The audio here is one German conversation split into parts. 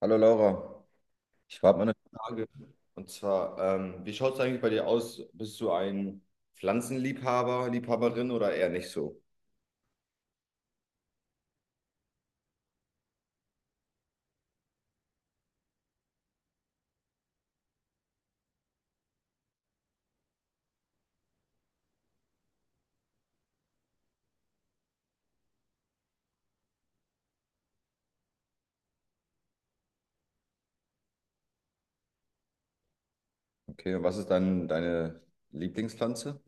Hallo Laura, ich habe mal eine Frage. Und zwar, wie schaut es eigentlich bei dir aus? Bist du ein Pflanzenliebhaber, Liebhaberin oder eher nicht so? Okay, und was ist dann deine Lieblingspflanze?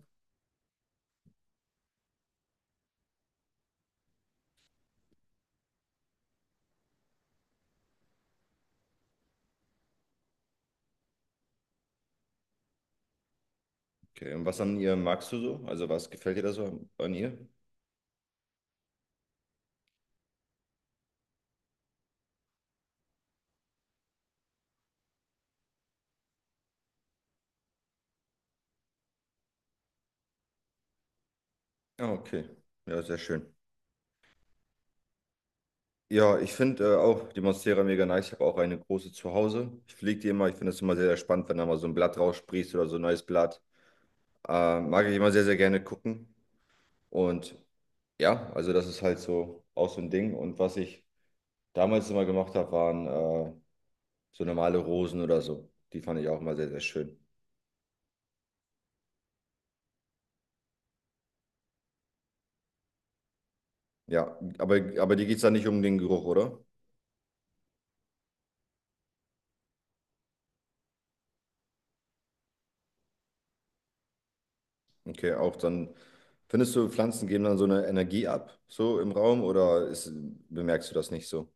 Okay, und was an ihr magst du so? Also was gefällt dir da so an ihr? Ah, okay. Ja, sehr schön. Ja, ich finde auch die Monstera mega nice. Ich habe auch eine große zu Hause. Ich pflege die immer. Ich finde es immer sehr, sehr spannend, wenn da mal so ein Blatt raussprießt oder so ein neues Blatt. Mag ich immer sehr, sehr gerne gucken. Und Ja, also das ist halt so auch so ein Ding. Und was ich damals immer gemacht habe, waren so normale Rosen oder so. Die fand ich auch immer sehr, sehr schön. Ja, aber dir geht es dann nicht um den Geruch, oder? Okay, auch dann. Findest du, Pflanzen geben dann so eine Energie ab, so im Raum, bemerkst du das nicht so?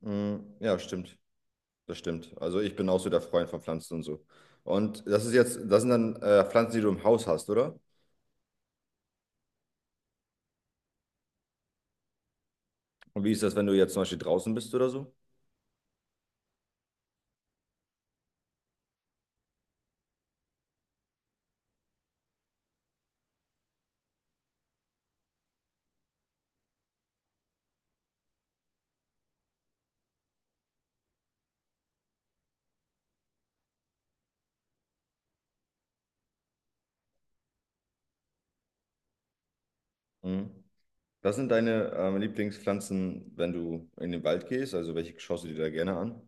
Mm, ja, stimmt. Das stimmt. Also ich bin auch so der Freund von Pflanzen und so. Und das sind dann Pflanzen, die du im Haus hast, oder? Und wie ist das, wenn du jetzt zum Beispiel draußen bist oder so? Mhm. Was sind deine Lieblingspflanzen, wenn du in den Wald gehst? Also welche schaust du dir da gerne an?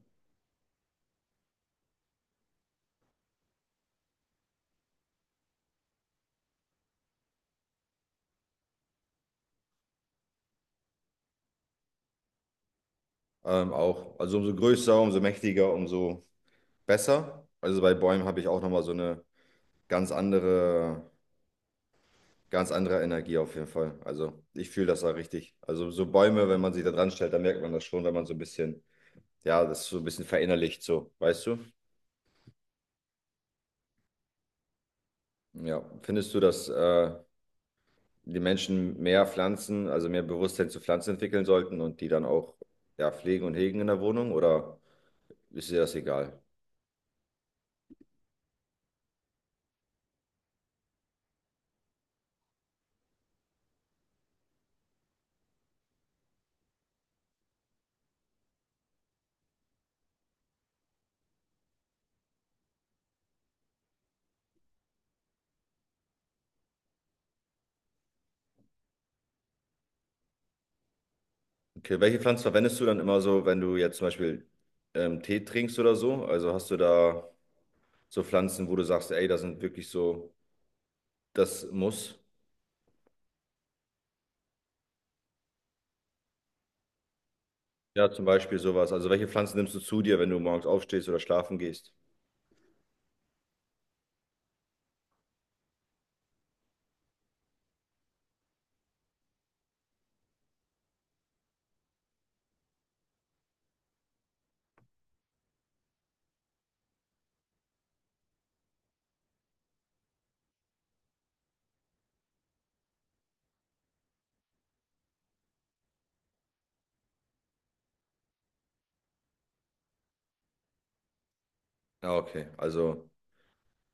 Auch, also umso größer, umso mächtiger, umso besser. Also bei Bäumen habe ich auch nochmal so eine ganz andere, ganz andere Energie auf jeden Fall. Also ich fühle das da richtig. Also so Bäume, wenn man sich da dran stellt, dann merkt man das schon, wenn man so ein bisschen, ja, das so ein bisschen verinnerlicht, so, weißt du? Ja, findest du das die Menschen mehr Pflanzen, also mehr Bewusstsein zu Pflanzen entwickeln sollten und die dann auch ja, pflegen und hegen in der Wohnung oder ist dir das egal? Okay, welche Pflanzen verwendest du dann immer so, wenn du jetzt zum Beispiel Tee trinkst oder so? Also hast du da so Pflanzen, wo du sagst, ey, das sind wirklich so, das muss. Ja, zum Beispiel sowas. Also welche Pflanzen nimmst du zu dir, wenn du morgens aufstehst oder schlafen gehst? Ja, okay. Also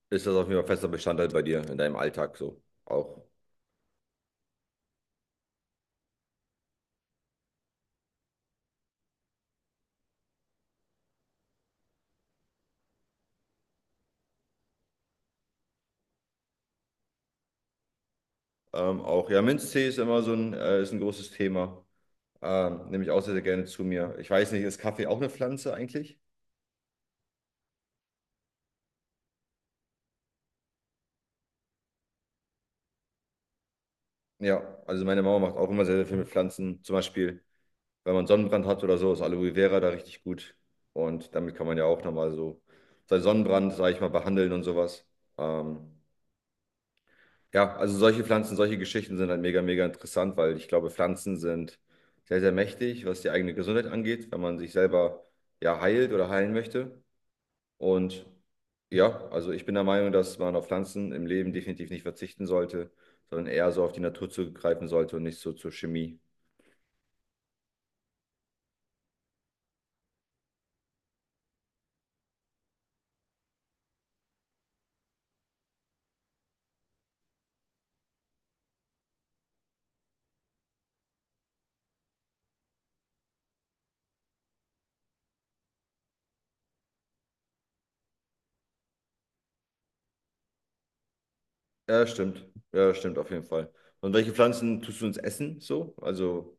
ist das auf jeden Fall fester Bestandteil bei dir in deinem Alltag so auch. Auch ja, Minztee ist immer so ein, ist ein großes Thema. Nehme ich auch sehr, sehr gerne zu mir. Ich weiß nicht, ist Kaffee auch eine Pflanze eigentlich? Ja, also meine Mama macht auch immer sehr, sehr viel mit Pflanzen. Zum Beispiel, wenn man Sonnenbrand hat oder so, ist Aloe Vera da richtig gut. Und damit kann man ja auch nochmal so seinen Sonnenbrand, sage ich mal, behandeln und sowas. Ähm, ja, also solche Pflanzen, solche Geschichten sind halt mega, mega interessant, weil ich glaube, Pflanzen sind sehr, sehr mächtig, was die eigene Gesundheit angeht, wenn man sich selber ja heilt oder heilen möchte. Und ja, also ich bin der Meinung, dass man auf Pflanzen im Leben definitiv nicht verzichten sollte, sondern eher so auf die Natur zugreifen sollte und nicht so zur Chemie. Ja, stimmt. Ja, stimmt auf jeden Fall. Und welche Pflanzen tust du ins Essen so? Also,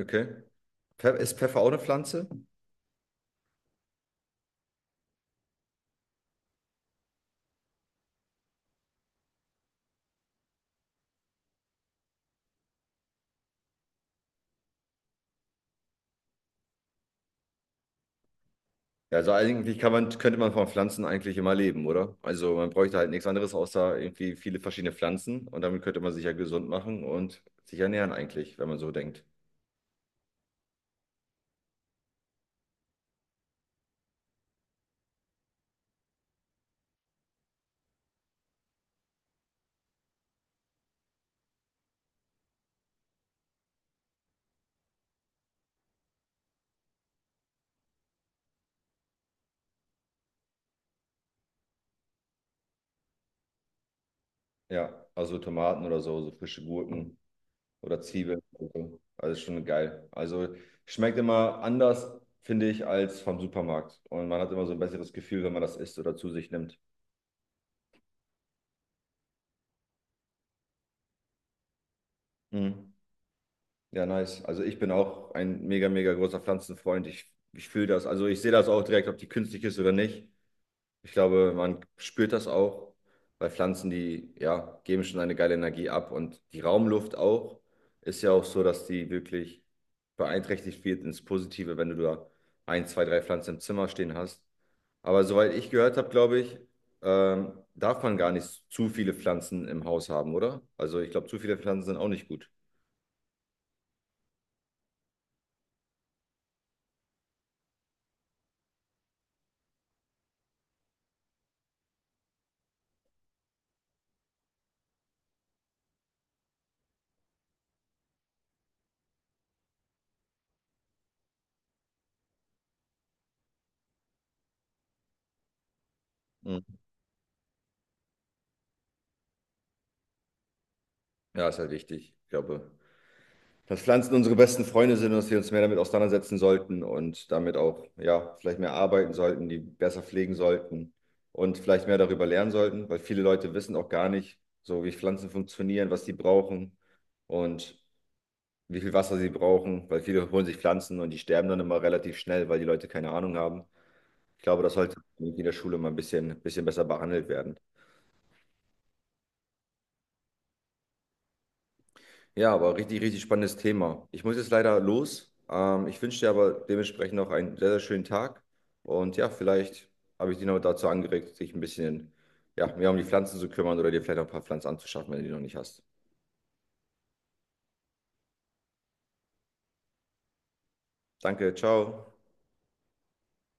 okay. Pfe- Ist Pfeffer auch eine Pflanze? Ja, also eigentlich kann man, könnte man von Pflanzen eigentlich immer leben, oder? Also man bräuchte halt nichts anderes außer irgendwie viele verschiedene Pflanzen und damit könnte man sich ja gesund machen und sich ernähren eigentlich, wenn man so denkt. Ja, also Tomaten oder so, so frische Gurken. Oder Zwiebeln und so. Also ist schon geil. Also schmeckt immer anders, finde ich, als vom Supermarkt. Und man hat immer so ein besseres Gefühl, wenn man das isst oder zu sich nimmt. Mhm. Ja, nice. Also ich bin auch ein mega, mega großer Pflanzenfreund. Ich fühle das. Also ich sehe das auch direkt, ob die künstlich ist oder nicht. Ich glaube, man spürt das auch, weil Pflanzen, die ja, geben schon eine geile Energie ab und die Raumluft auch ist ja auch so, dass die wirklich beeinträchtigt wird ins Positive, wenn du da ein, zwei, drei Pflanzen im Zimmer stehen hast. Aber soweit ich gehört habe, glaube ich, darf man gar nicht zu viele Pflanzen im Haus haben, oder? Also ich glaube, zu viele Pflanzen sind auch nicht gut. Mhm. Ja, ist halt wichtig, ich glaube, dass Pflanzen unsere besten Freunde sind und dass wir uns mehr damit auseinandersetzen sollten und damit auch, ja, vielleicht mehr arbeiten sollten, die besser pflegen sollten und vielleicht mehr darüber lernen sollten, weil viele Leute wissen auch gar nicht, so wie Pflanzen funktionieren, was die brauchen und wie viel Wasser sie brauchen, weil viele holen sich Pflanzen und die sterben dann immer relativ schnell, weil die Leute keine Ahnung haben. Ich glaube, das sollte in der Schule mal ein bisschen besser behandelt werden. Ja, aber richtig spannendes Thema. Ich muss jetzt leider los. Ich wünsche dir aber dementsprechend noch einen sehr, sehr schönen Tag. Und ja, vielleicht habe ich dich noch dazu angeregt, dich ein bisschen, ja, mehr um die Pflanzen zu kümmern oder dir vielleicht noch ein paar Pflanzen anzuschaffen, wenn du die noch nicht hast. Danke, ciao.